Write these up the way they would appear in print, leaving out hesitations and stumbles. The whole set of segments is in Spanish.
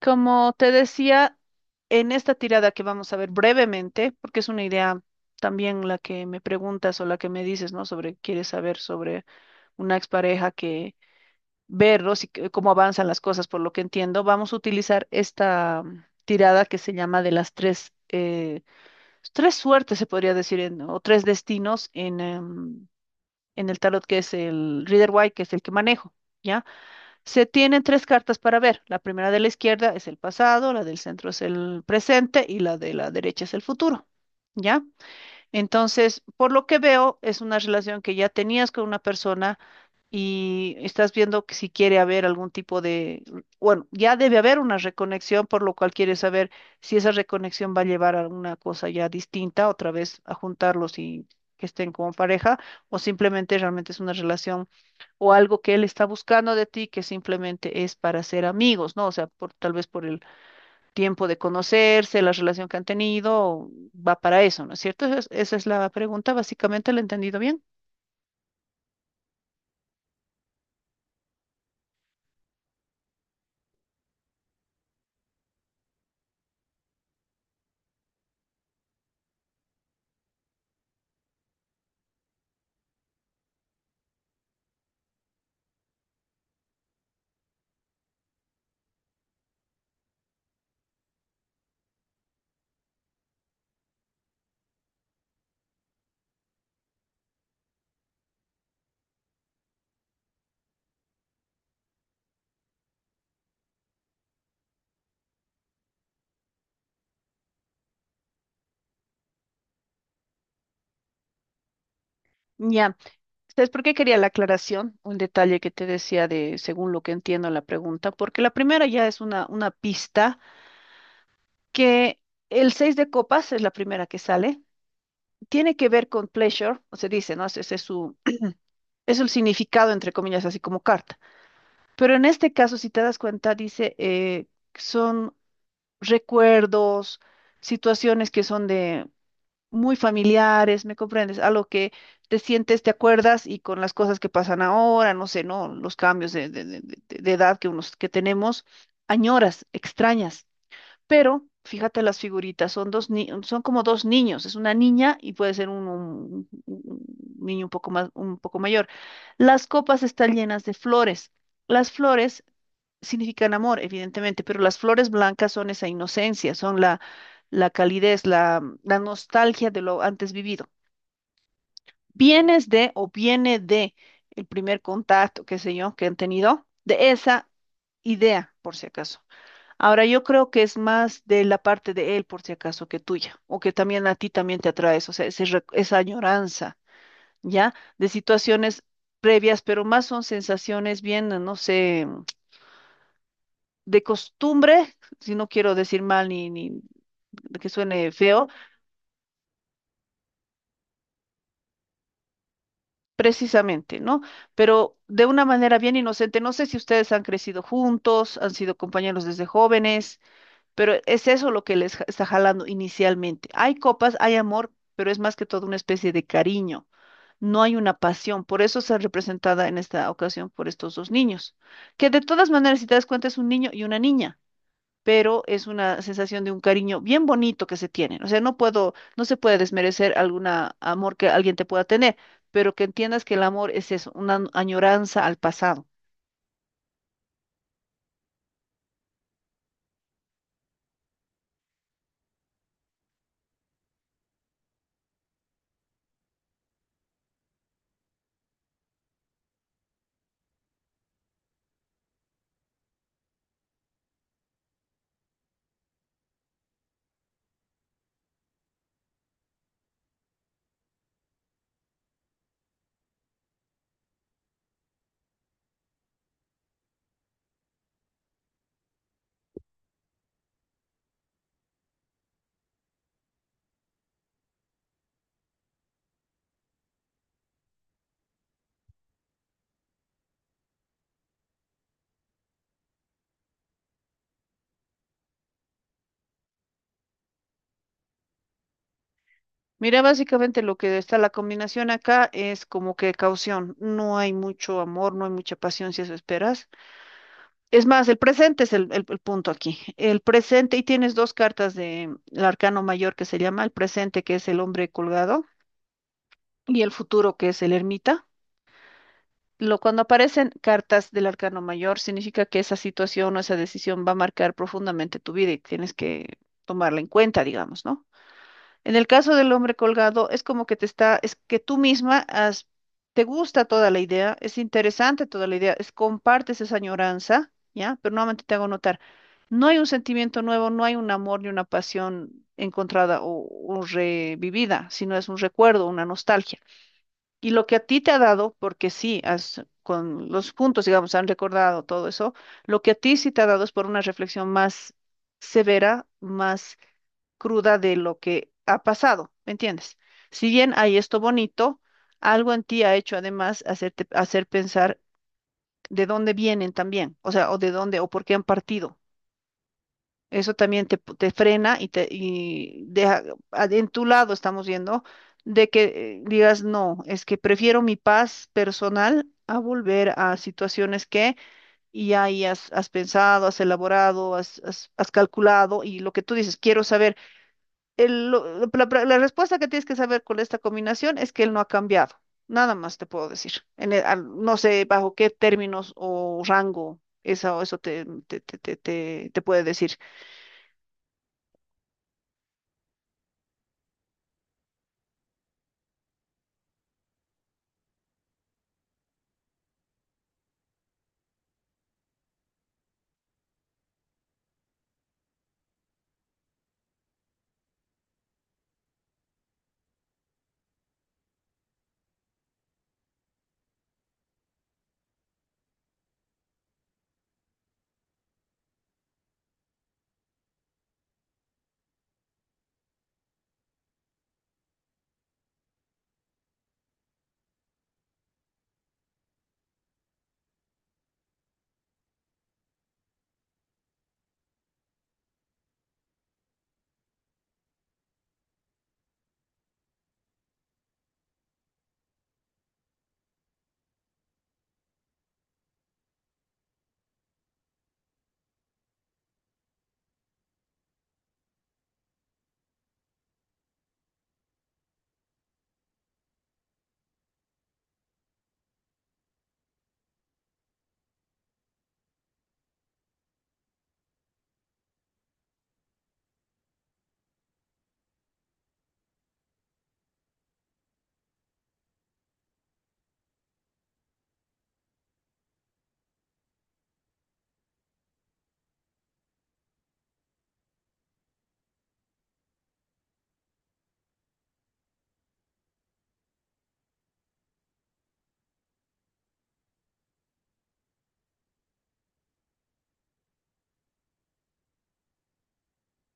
Como te decía, en esta tirada que vamos a ver brevemente, porque es una idea también la que me preguntas o la que me dices, ¿no? Sobre, quieres saber sobre una expareja que verlos y cómo avanzan las cosas, por lo que entiendo, vamos a utilizar esta tirada que se llama de las tres, tres suertes, se podría decir, o tres destinos en, en el tarot, que es el Rider White, que es el que manejo, ¿ya? Se tienen tres cartas para ver. La primera de la izquierda es el pasado, la del centro es el presente y la de la derecha es el futuro. ¿Ya? Entonces, por lo que veo, es una relación que ya tenías con una persona y estás viendo que si quiere haber algún tipo de, bueno, ya debe haber una reconexión, por lo cual quieres saber si esa reconexión va a llevar a una cosa ya distinta, otra vez a juntarlos y que estén como pareja, o simplemente realmente es una relación o algo que él está buscando de ti que simplemente es para ser amigos, ¿no? O sea, por, tal vez por el tiempo de conocerse, la relación que han tenido, va para eso, ¿no es cierto? Esa es la pregunta, básicamente, ¿la he entendido bien? Ya, ¿sabes por qué quería la aclaración? Un detalle que te decía de, según lo que entiendo la pregunta, porque la primera ya es una pista que el seis de copas es la primera que sale, tiene que ver con pleasure, o se dice, ¿no? Ese es su, es el significado, entre comillas, así como carta. Pero en este caso, si te das cuenta, dice, son recuerdos, situaciones que son de muy familiares, ¿me comprendes? A lo que te sientes, te acuerdas y con las cosas que pasan ahora, no sé, ¿no? Los cambios de edad que unos que tenemos, añoras, extrañas. Pero fíjate las figuritas, son dos ni- son como dos niños, es una niña y puede ser un niño un poco más, un poco mayor. Las copas están llenas de flores. Las flores significan amor, evidentemente, pero las flores blancas son esa inocencia, son la, la calidez, la nostalgia de lo antes vivido. Vienes de o viene de el primer contacto, qué sé yo, que han tenido, de esa idea, por si acaso. Ahora yo creo que es más de la parte de él, por si acaso, que tuya, o que también a ti también te atraes, o sea, esa añoranza, ¿ya? De situaciones previas, pero más son sensaciones bien, no sé, de costumbre, si no quiero decir mal ni, ni que suene feo, precisamente, ¿no? Pero de una manera bien inocente. No sé si ustedes han crecido juntos, han sido compañeros desde jóvenes, pero es eso lo que está jalando inicialmente. Hay copas, hay amor, pero es más que todo una especie de cariño. No hay una pasión, por eso está representada en esta ocasión por estos dos niños, que de todas maneras, si te das cuenta, es un niño y una niña. Pero es una sensación de un cariño bien bonito que se tienen. O sea, no puedo, no se puede desmerecer algún amor que alguien te pueda tener, pero que entiendas que el amor es eso, añoranza al pasado. Mira, básicamente lo que está la combinación acá es como que caución. No hay mucho amor, no hay mucha pasión si eso esperas. Es más, el presente es el punto aquí. El presente, y tienes dos cartas del arcano mayor que se llama el presente, que es el hombre colgado, y el futuro, que es el ermita. Lo, cuando aparecen cartas del arcano mayor, significa que esa situación o esa decisión va a marcar profundamente tu vida y tienes que tomarla en cuenta, digamos, ¿no? En el caso del hombre colgado, es como que te está, es que tú misma has, te gusta toda la idea, es interesante toda la idea, es, compartes esa añoranza, ¿ya? Pero nuevamente te hago notar, no hay un sentimiento nuevo, no hay un amor ni una pasión encontrada o revivida, sino es un recuerdo, una nostalgia. Y lo que a ti te ha dado, porque sí, has, con los puntos, digamos, han recordado todo eso, lo que a ti sí te ha dado es por una reflexión más severa, más cruda de lo que ha pasado, ¿me entiendes? Si bien hay esto bonito, algo en ti ha hecho además hacerte, hacer pensar de dónde vienen también, o sea, o de dónde, o por qué han partido. Eso también te frena y te y deja en tu lado, estamos viendo, de que digas, no, es que prefiero mi paz personal a volver a situaciones que y ahí has, has pensado, has elaborado, has calculado y lo que tú dices, quiero saber. El- lo- la respuesta que tienes que saber con esta combinación es que él no ha cambiado. Nada más te puedo decir. No sé bajo qué términos o rango eso, eso te puede decir.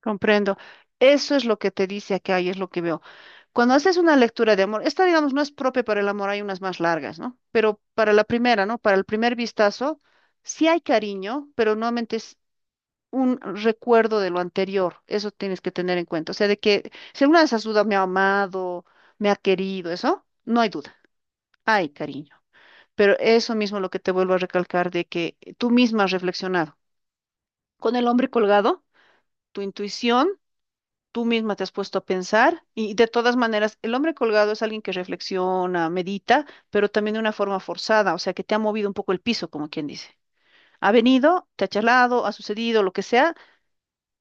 Comprendo. Eso es lo que te dice acá y es lo que veo. Cuando haces una lectura de amor, esta, digamos, no es propia para el amor, hay unas más largas, ¿no? Pero para la primera, ¿no? Para el primer vistazo, sí hay cariño, pero nuevamente es un recuerdo de lo anterior. Eso tienes que tener en cuenta. O sea, de que si alguna de esas dudas me ha amado, me ha querido, eso, no hay duda. Hay cariño. Pero eso mismo es lo que te vuelvo a recalcar de que tú misma has reflexionado. Con el hombre colgado, tu intuición. Tú misma te has puesto a pensar y de todas maneras, el hombre colgado es alguien que reflexiona, medita, pero también de una forma forzada, o sea, que te ha movido un poco el piso, como quien dice. Ha venido, te ha charlado, ha sucedido, lo que sea,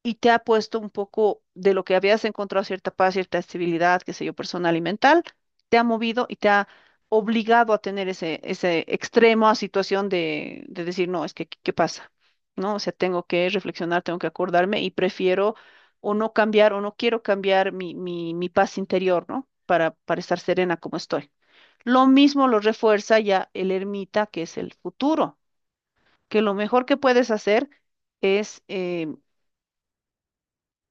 y te ha puesto un poco de lo que habías encontrado cierta paz, cierta estabilidad, qué sé yo, personal y mental, te ha movido y te ha obligado a tener ese, ese extremo a situación de decir, no, es que, ¿qué qué pasa? ¿No? O sea, tengo que reflexionar, tengo que acordarme y prefiero o no cambiar o no quiero cambiar mi paz interior, ¿no? Para estar serena como estoy. Lo mismo lo refuerza ya el ermita, que es el futuro, que lo mejor que puedes hacer es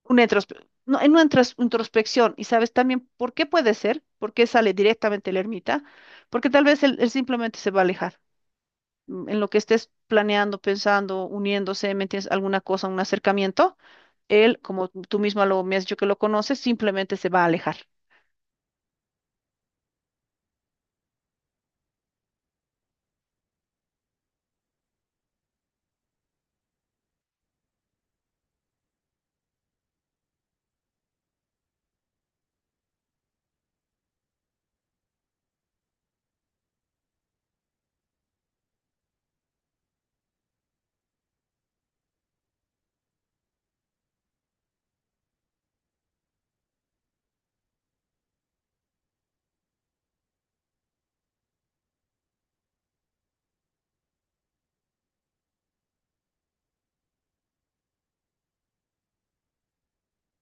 no, en introspección. Y sabes también por qué puede ser, por qué sale directamente el ermita, porque tal vez él simplemente se va a alejar. Mm, en lo que estés planeando, pensando, uniéndose, ¿me entiendes? Alguna cosa, un acercamiento, él, como tú misma lo, me has dicho que lo conoces, simplemente se va a alejar.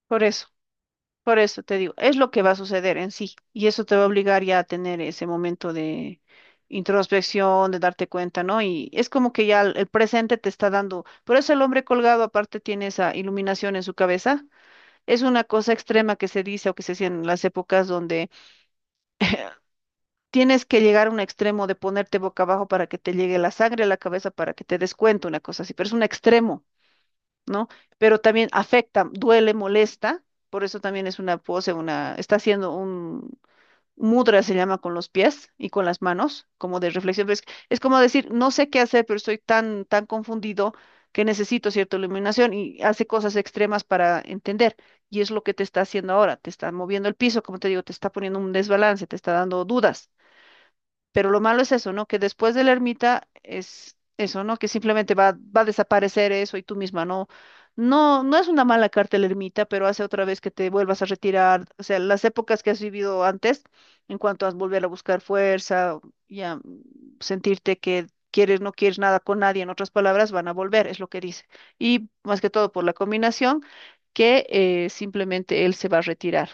Por eso. Por eso te digo, es lo que va a suceder en sí, y eso te va a obligar ya a tener ese momento de introspección, de darte cuenta, ¿no? Y es como que ya el presente te está dando, por eso el hombre colgado aparte tiene esa iluminación en su cabeza, es una cosa extrema que se dice o que se hacía en las épocas donde tienes que llegar a un extremo de ponerte boca abajo para que te llegue la sangre a la cabeza, para que te des cuenta, una cosa así, pero es un extremo, ¿no? Pero también afecta, duele, molesta. Por eso también es una pose, una, está haciendo un, Mudra se llama con los pies y con las manos, como de reflexión. Es como decir, no sé qué hacer, pero estoy tan, tan confundido que necesito cierta iluminación y hace cosas extremas para entender. Y es lo que te está haciendo ahora. Te está moviendo el piso, como te digo, te está poniendo un desbalance, te está dando dudas. Pero lo malo es eso, ¿no? Que después de la ermita es eso, ¿no? Que simplemente va, va a desaparecer eso y tú misma, ¿no? No, no es una mala carta la ermita, pero hace otra vez que te vuelvas a retirar. O sea, las épocas que has vivido antes, en cuanto a volver a buscar fuerza y a sentirte que quieres, no quieres nada con nadie, en otras palabras, van a volver, es lo que dice. Y más que todo por la combinación que simplemente él se va a retirar.